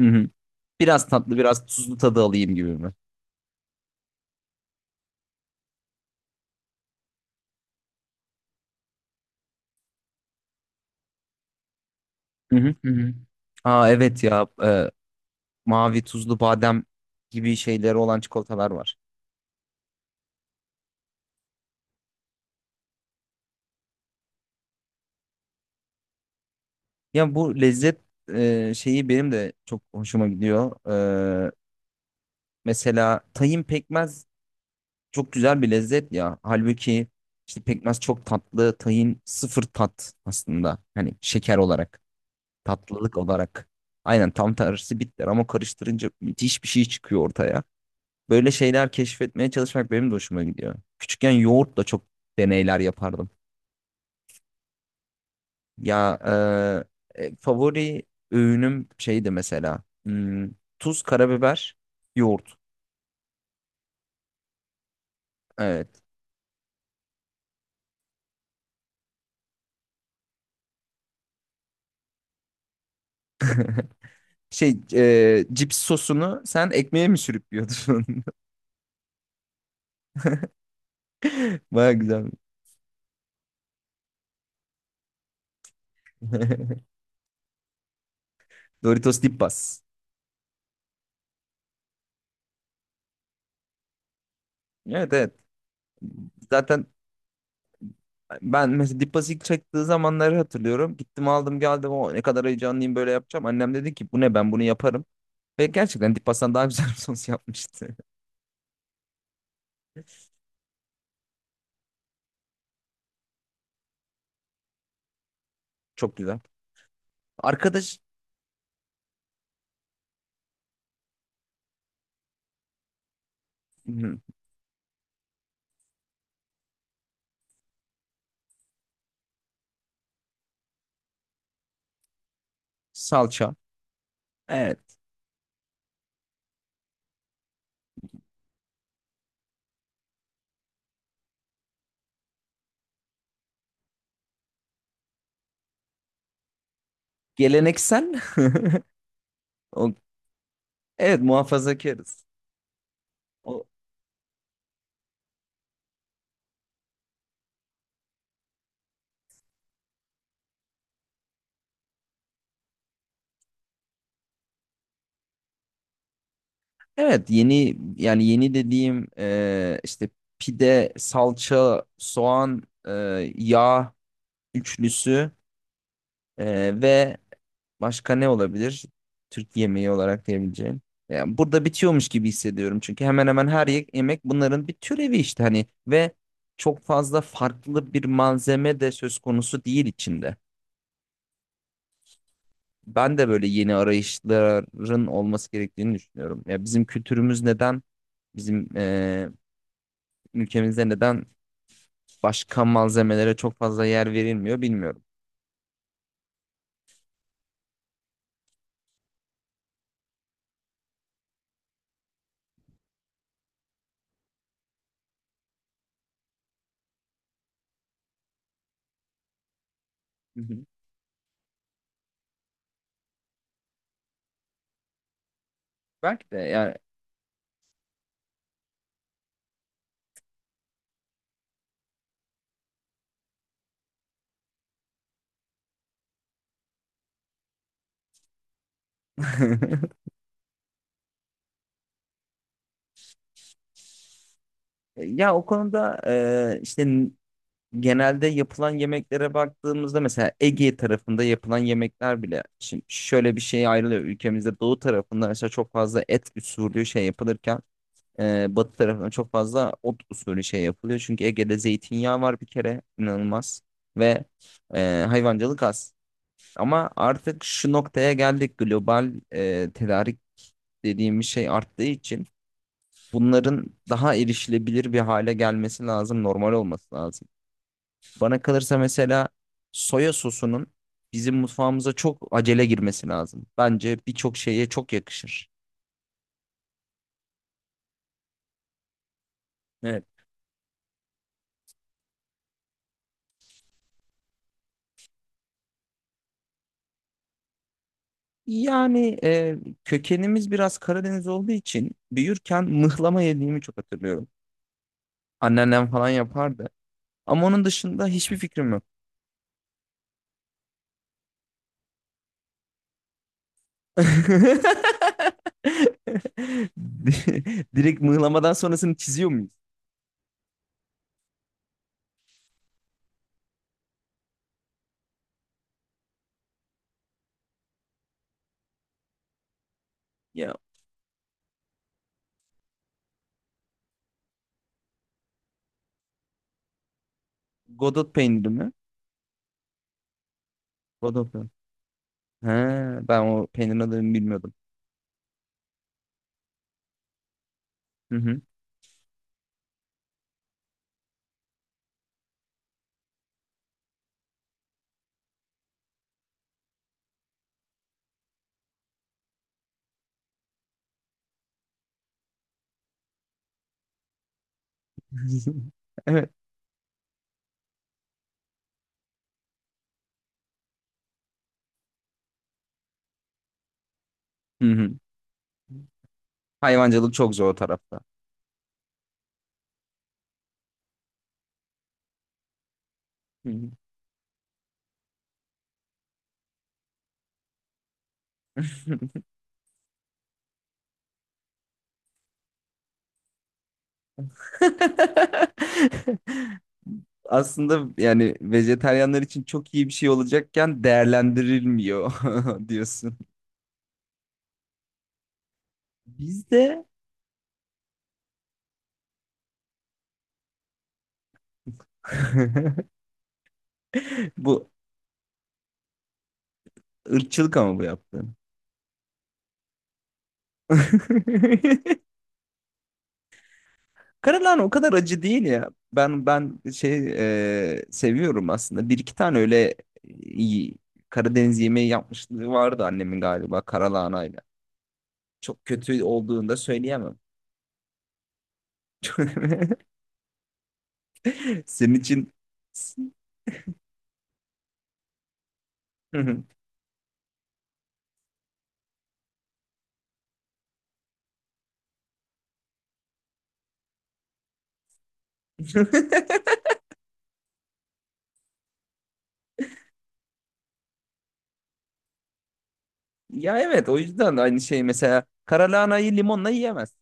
Hı hı. Biraz tatlı, biraz tuzlu tadı alayım gibi mi? Hı hı hı. hı. Aa evet ya mavi tuzlu badem gibi şeyleri olan çikolatalar var. Ya bu lezzet şeyi benim de çok hoşuma gidiyor. E, Mesela tahin pekmez çok güzel bir lezzet ya. Halbuki işte pekmez çok tatlı, tahin sıfır tat aslında. Hani şeker olarak, tatlılık olarak. Aynen tam tersi bitter ama karıştırınca müthiş bir şey çıkıyor ortaya. Böyle şeyler keşfetmeye çalışmak benim de hoşuma gidiyor. Küçükken yoğurtla çok deneyler yapardım. Ya favori öğünüm şeydi mesela. Hmm, tuz, karabiber, yoğurt. Evet. Şey cips sosunu sen ekmeğe mi sürüp yiyordun? Baya güzel. Doritos Dipas. Evet evet. Zaten ben mesela Dippas ilk çektiği zamanları hatırlıyorum. Gittim aldım geldim. O ne kadar heyecanlıyım böyle yapacağım. Annem dedi ki bu ne ben bunu yaparım. Ve gerçekten Dipas'tan daha güzel bir sos yapmıştı. Çok güzel. Arkadaş Hı, salça. Evet. Geleneksel. O, evet muhafazakarız. O, evet yeni yani yeni dediğim işte pide, salça, soğan, e, yağ üçlüsü ve Başka ne olabilir? Türk yemeği olarak diyebileceğim. Yani burada bitiyormuş gibi hissediyorum. Çünkü hemen hemen her yemek bunların bir türevi işte hani ve çok fazla farklı bir malzeme de söz konusu değil içinde. Ben de böyle yeni arayışların olması gerektiğini düşünüyorum. Ya bizim kültürümüz neden, bizim ülkemizde neden başka malzemelere çok fazla yer verilmiyor bilmiyorum. Hı hı. Belki de yani. Ya o konuda işte genelde yapılan yemeklere baktığımızda mesela Ege tarafında yapılan yemekler bile şimdi şöyle bir şey ayrılıyor. Ülkemizde doğu tarafında mesela çok fazla et usulü şey yapılırken batı tarafında çok fazla ot usulü şey yapılıyor. Çünkü Ege'de zeytinyağı var bir kere inanılmaz ve hayvancılık az. Ama artık şu noktaya geldik global tedarik dediğimiz şey arttığı için bunların daha erişilebilir bir hale gelmesi lazım, normal olması lazım. Bana kalırsa mesela soya sosunun bizim mutfağımıza çok acele girmesi lazım. Bence birçok şeye çok yakışır. Evet. Yani kökenimiz biraz Karadeniz olduğu için büyürken mıhlama yediğimi çok hatırlıyorum. Anneannem falan yapardı. Ama onun dışında hiçbir fikrim yok. Direkt mıhlamadan sonrasını çiziyor muyuz? Ya Godot peyniri mi? Godot peyniri. He, ben o peynirin adını bilmiyordum. Hı hı. Evet. Hı hı. Hayvancılık çok zor o tarafta. Hı hı. Aslında yani vejetaryenler için çok iyi bir şey olacakken değerlendirilmiyor diyorsun. Bizde bu ırkçılık ama bu yaptığın. Karalahana o kadar acı değil ya. Ben şey seviyorum aslında. Bir iki tane öyle iyi Karadeniz yemeği yapmışlığı vardı annemin galiba karalahanayla. Çok kötü olduğunu da söyleyemem. Senin için Hı hı. Ya evet o yüzden aynı şey mesela karalahanayı limonla yiyemez.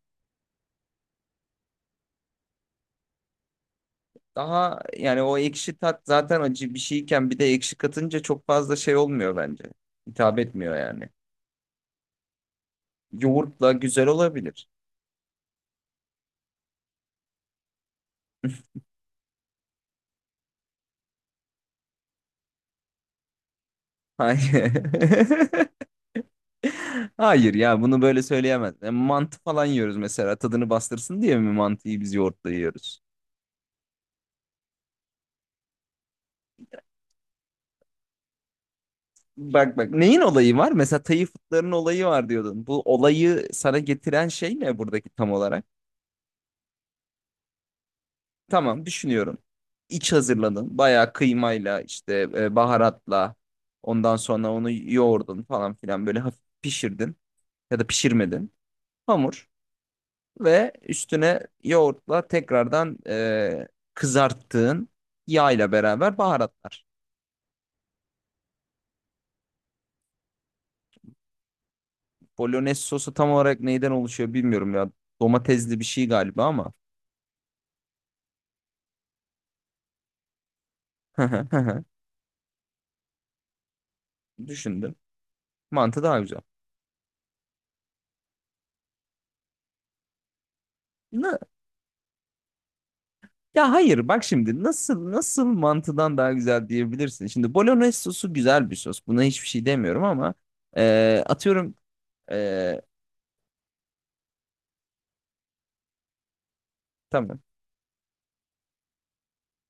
Daha yani o ekşi tat zaten acı bir şeyken bir de ekşi katınca çok fazla şey olmuyor bence. Hitap etmiyor yani. Yoğurtla güzel olabilir. Hayır. Hayır ya bunu böyle söyleyemez. Mantı falan yiyoruz mesela tadını bastırsın diye mi mantıyı biz yoğurtla yiyoruz? Bak bak neyin olayı var? Mesela Tayı fıtlarının olayı var diyordun. Bu olayı sana getiren şey ne buradaki tam olarak? Tamam düşünüyorum. İç hazırladın. Bayağı kıymayla işte baharatla ondan sonra onu yoğurdun falan filan böyle hafif pişirdin ya da pişirmedin. Hamur ve üstüne yoğurtla tekrardan kızarttığın yağ ile beraber baharatlar. Bolognese sosu tam olarak neyden oluşuyor bilmiyorum ya. Domatesli bir şey galiba ama. Düşündüm. Mantı daha güzel. Ne? Ya hayır bak şimdi nasıl mantıdan daha güzel diyebilirsin. Şimdi bolognese sosu güzel bir sos. Buna hiçbir şey demiyorum ama atıyorum e, tamam.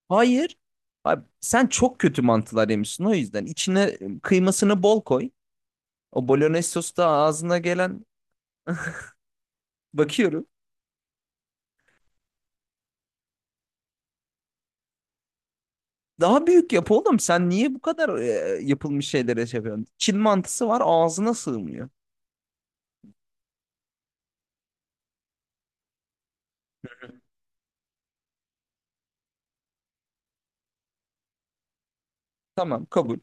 Hayır. Abi, sen çok kötü mantılar yemişsin o yüzden. İçine kıymasını bol koy. O bolognese sosu da ağzına gelen bakıyorum. Daha büyük yap oğlum. Sen niye bu kadar yapılmış şeylere şey yapıyorsun? Çin mantısı var ağzına sığmıyor. Tamam kabul.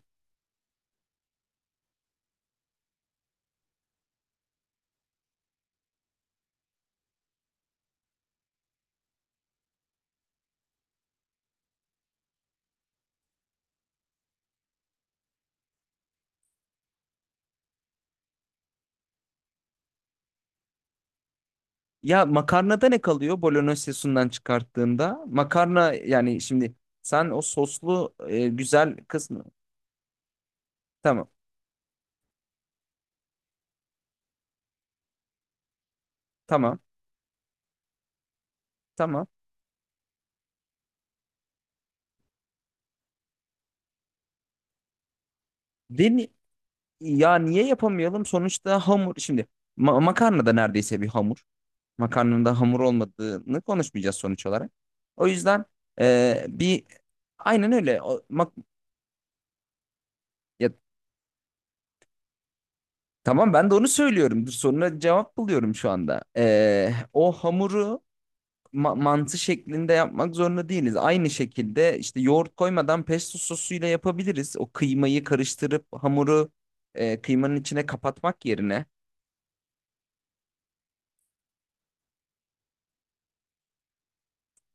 Ya makarnada ne kalıyor bolognese sosundan çıkarttığında? Makarna yani şimdi sen o soslu güzel kısmı. Tamam. Tamam. Tamam. Deni ya niye yapamayalım? Sonuçta hamur şimdi makarna da neredeyse bir hamur. Makarnanın da hamur olmadığını konuşmayacağız sonuç olarak. O yüzden bir aynen öyle. O, ya, tamam ben de onu söylüyorum. Dur, soruna cevap buluyorum şu anda. O hamuru mantı şeklinde yapmak zorunda değiliz. Aynı şekilde işte yoğurt koymadan pesto sosuyla yapabiliriz. O kıymayı karıştırıp hamuru kıymanın içine kapatmak yerine.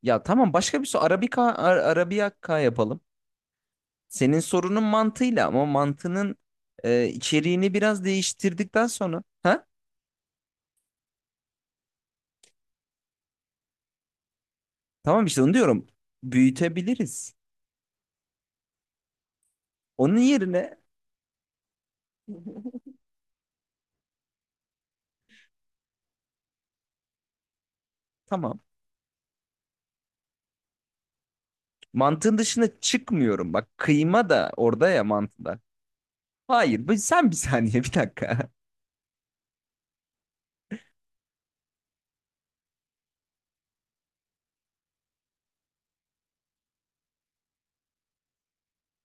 Ya tamam başka bir soru. Arabika, Arabiyakka yapalım. Senin sorunun mantığıyla ama mantının içeriğini biraz değiştirdikten sonra. Ha? Tamam işte onu diyorum. Büyütebiliriz. Onun yerine tamam. Mantığın dışına çıkmıyorum. Bak kıyma da orada ya mantıda. Hayır, sen bir saniye, bir dakika.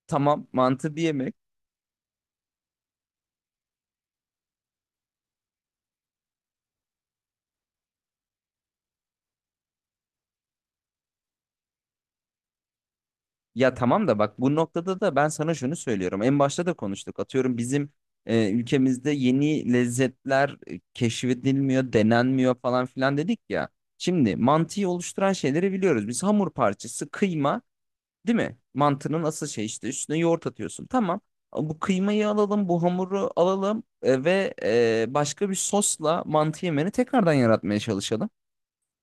Tamam mantı bir yemek. Ya tamam da bak bu noktada da ben sana şunu söylüyorum. En başta da konuştuk. Atıyorum bizim ülkemizde yeni lezzetler keşfedilmiyor, denenmiyor falan filan dedik ya. Şimdi mantıyı oluşturan şeyleri biliyoruz. Biz hamur parçası, kıyma, değil mi? Mantının asıl şey işte üstüne yoğurt atıyorsun. Tamam. Bu kıymayı alalım, bu hamuru alalım ve başka bir sosla mantı yemeni tekrardan yaratmaya çalışalım.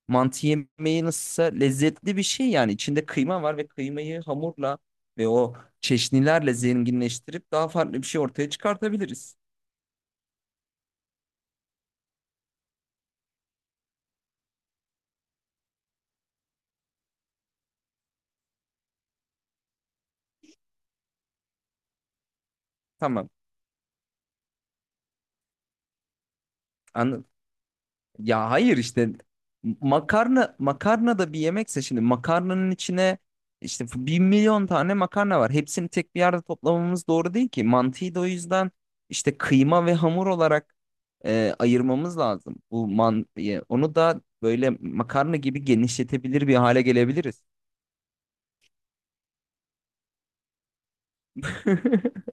Mantı yemeği nasılsa lezzetli bir şey yani içinde kıyma var ve kıymayı hamurla ve o çeşnilerle zenginleştirip daha farklı bir şey ortaya çıkartabiliriz. Tamam. Anladım. Ya hayır işte makarna da bir yemekse şimdi makarnanın içine işte 1.000.000 tane makarna var. Hepsini tek bir yerde toplamamız doğru değil ki. Mantıyı da o yüzden işte kıyma ve hamur olarak ayırmamız lazım. Bu onu da böyle makarna gibi genişletebilir bir hale gelebiliriz.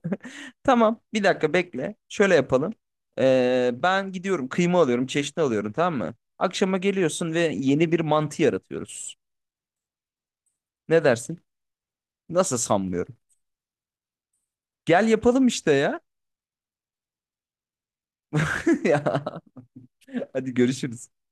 Tamam, bir dakika bekle. Şöyle yapalım. Ben gidiyorum, kıyma alıyorum, çeşni alıyorum, tamam mı? Akşama geliyorsun ve yeni bir mantı yaratıyoruz. Ne dersin? Nasıl sanmıyorum. Gel yapalım işte ya. Ya, hadi görüşürüz.